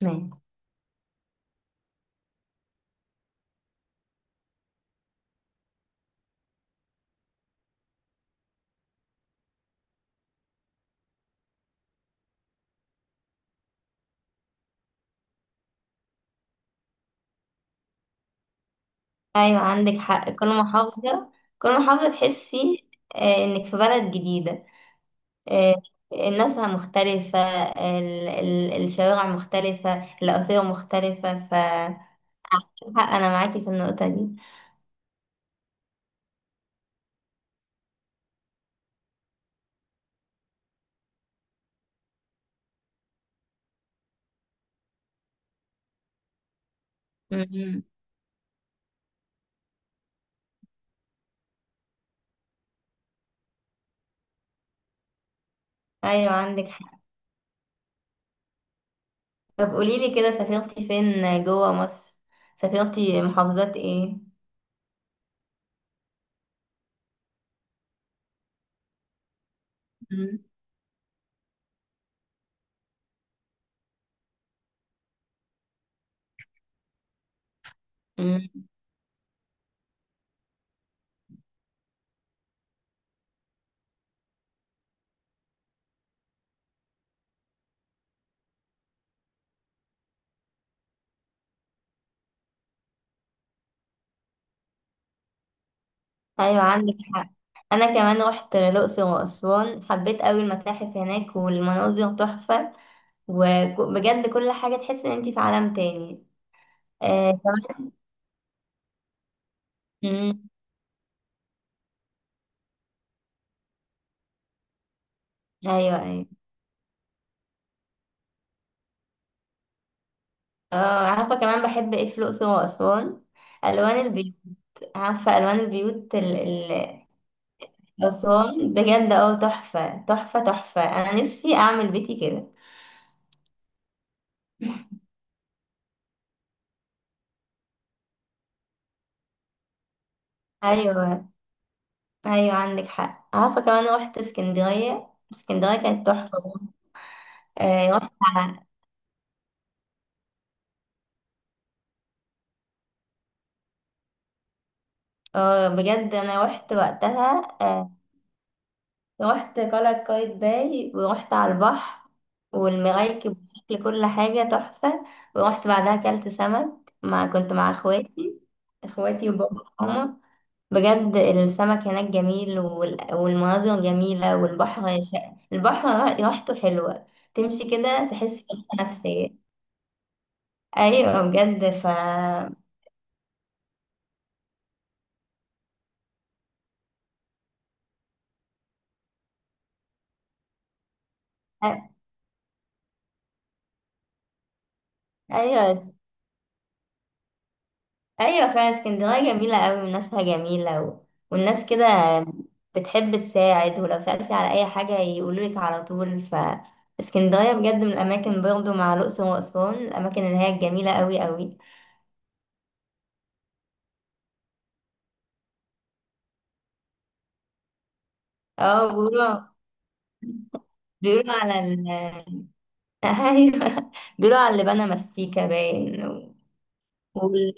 تمام. ايوه عندك حق، كل محافظة كل محافظة تحسي انك في بلد جديدة. آه، الناس مختلفة. الشوارع مختلفة، الأثير مختلفة. عندك حق، انا معاكي في النقطة دي. مم. ايوه عندك حق. طب قوليلي كده، سافرتي فين جوه مصر؟ سافرتي محافظات ايه؟ مم. مم. ايوه عندك حق. انا كمان رحت الاقصر واسوان، حبيت قوي المتاحف هناك والمناظر تحفة. وبجد كل حاجة تحس ان انت في عالم تاني. آه كمان. مم. ايوه ايوه. اه عارفة كمان بحب ايه في الأقصر وأسوان؟ ألوان البيوت. عارفة ألوان البيوت ال ال أسوان بجد اه، تحفة تحفة تحفة. أنا نفسي أعمل بيتي كده. أيوة. أيوة عندك حق. عارفة كمان روحت اسكندرية، اسكندرية كانت تحفة برضه. آه رحت على، اه بجد أنا روحت وقتها. رحت قلعة قايتباي ورحت على البحر والمرايكب، بشكل كل حاجة تحفة. ورحت بعدها أكلت سمك، كنت مع اخواتي، اخواتي وبابا وماما. بجد السمك هناك جميل، والمناظر جميلة، البحر ريحته حلوة. تمشي كده تحس براحة نفسية. أيوة بجد. أ- أيوة، ايوه فعلا اسكندريه جميله قوي، وناسها جميله والناس كده بتحب تساعد، ولو سالتي على اي حاجه يقولولك على طول. اسكندريه بجد من الاماكن، برضو مع الاقصر واسوان، الاماكن اللي هي الجميله قوي قوي. اه بيقولوا. بيقولوا على ايوه، بيقولوا على اللي بنى مستيكه باين وال...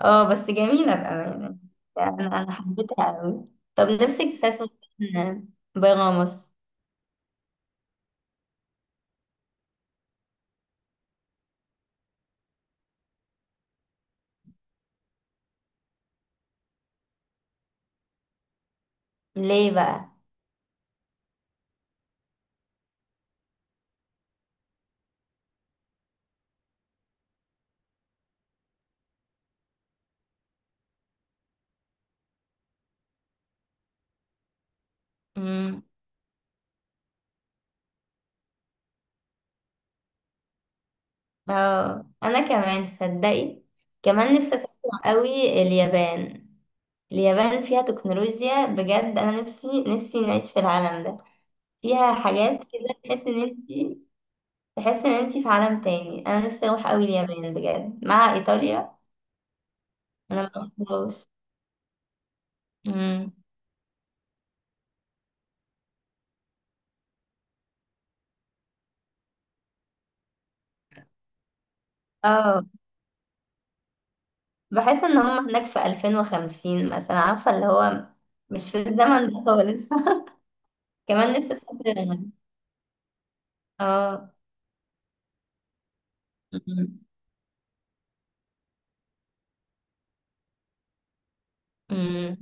اه بس جميله بامانه. يعني أنا حبيتها قوي. طب نفسك تسافر فين؟ برا مصر؟ ليه بقى. اه انا كمان تصدقي، كمان نفسي اسافر قوي اليابان. اليابان فيها تكنولوجيا بجد، انا نفسي نعيش في العالم ده. فيها حاجات كده تحس ان انت، تحس ان انت في عالم تاني. انا نفسي اروح قوي اليابان بجد، مع ايطاليا. انا ما رحتهاش. أمم. اه بحس ان هم هناك في 2050 مثلا، عارفه اللي هو مش في الزمن ده خالص. كمان نفسي اسافر. اه. أمم. أمم.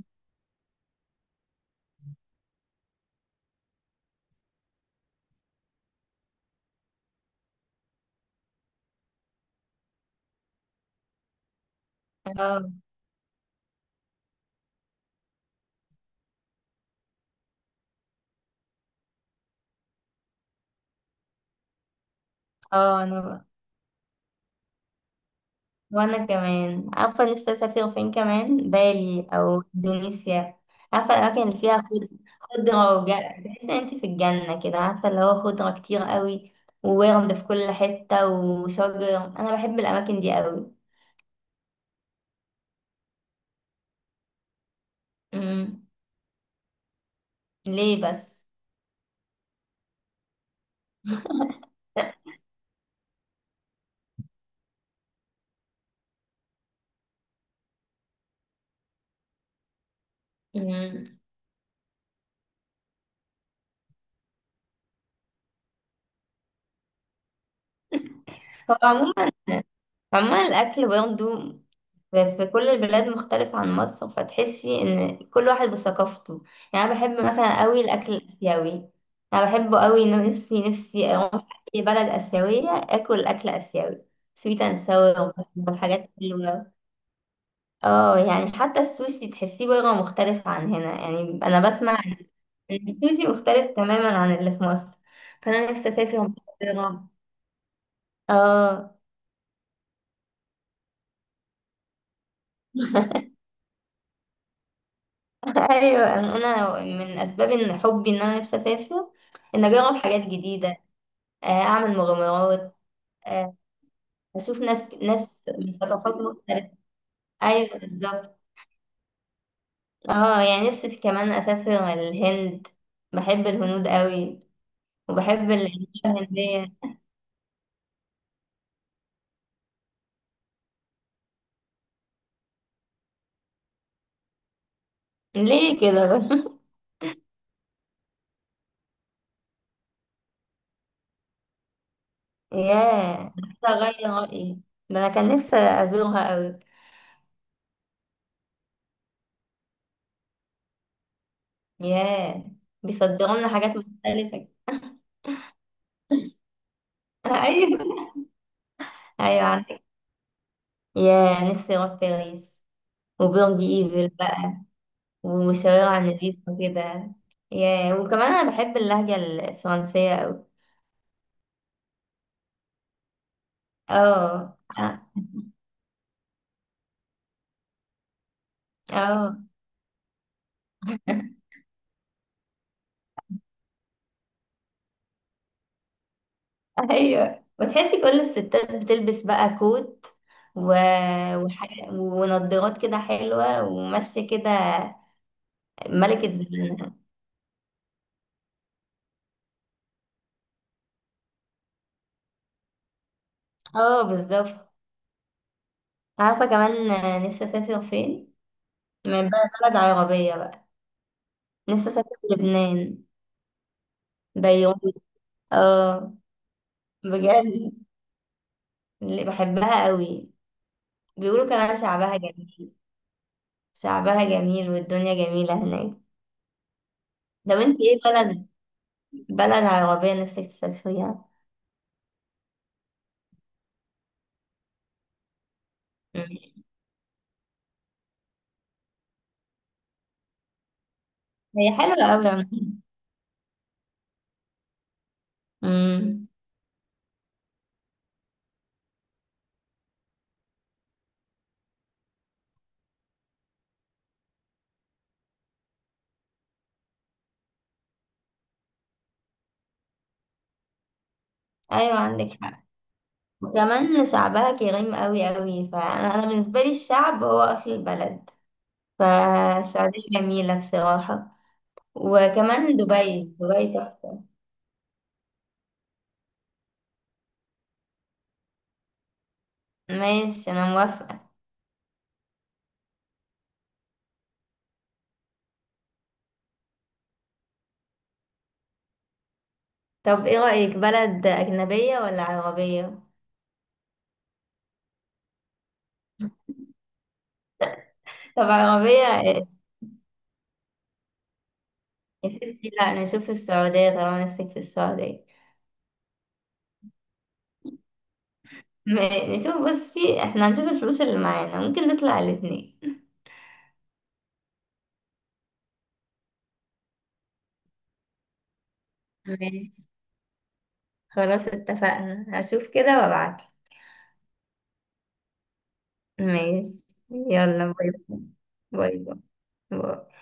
اه اه. انا وانا كمان، عارفه نفسي اسافر فين كمان؟ بالي او اندونيسيا. عارفه الاماكن اللي فيها خضره تحس ان انت في الجنه كده، عارفه اللي هو خضره كتير قوي، وورد في كل حته وشجر. انا بحب الاماكن دي قوي. امم. ليه بس؟ امم. هو عموما، عموما الأكل برضه في كل البلاد مختلف عن مصر، فتحسي إن كل واحد بثقافته. يعني أنا بحب مثلا قوي الأكل الآسيوي، أنا بحبه قوي. إنه نفسي أروح أي بلد آسيوية آكل أكل آسيوي، سويت أند ساور والحاجات الحلوة. اه يعني حتى السوشي تحسيه بره مختلف عن هنا. يعني أنا بسمع إن السوشي مختلف تماما عن اللي في مصر، فأنا نفسي أسافر بره. اه. ايوه، أنا من اسباب ان حبي ان انا نفسي اسافر، ان اجرب حاجات جديده، اعمل مغامرات، آه، اشوف ناس من ثقافات مختلفه. ايوه بالظبط. اه يعني نفسي كمان اسافر الهند، بحب الهنود قوي، وبحب الأجواء الهنديه. ليه كده بس؟ ياه نفسي اغير رايي، ده انا كان نفسي ازورها قوي. ياه، بيصدروا لنا حاجات مختلفه. ايوه. ايوه عندك. ياه نفسي اروح باريس، وبيرج ايفل بقى، ومشاوير نظيفة كده. ياه وكمان انا بحب اللهجة الفرنسية اوي. اه اه. آه. ايوه، وتحسي كل الستات بتلبس بقى كوت و... وح... ونضارات كده حلوة وماشية كده. ملكة زمانها. اه بالظبط. عارفة كمان نفسي اسافر فين؟ من بقى بلد عربية بقى. نفسي اسافر لبنان، بيروت. اه. بجد اللي بحبها قوي، بيقولوا كمان شعبها جميل. شعبها جميل والدنيا جميلة هناك. طب انت ايه بلد، بلد عربية نفسك تسافريها؟ مم. هي حلوة أوي عموما. مم. أيوة عندك حق. وكمان شعبها كريم أوي أوي، فأنا، بالنسبة لي الشعب هو أصل البلد، فالسعودية جميلة بصراحة. وكمان دبي، دبي تحفة. ماشي أنا موافقة. طب ايه رأيك، بلد أجنبية ولا عربية؟ طب عربية. يا ستي لا نشوف السعودية طالما نفسك في السعودية. م- نشوف، بصي احنا هنشوف الفلوس اللي معانا، ممكن نطلع الاتنين. ماشي خلاص اتفقنا، هشوف كده وابعتلك. ماشي. يلا باي. باي باي. باي.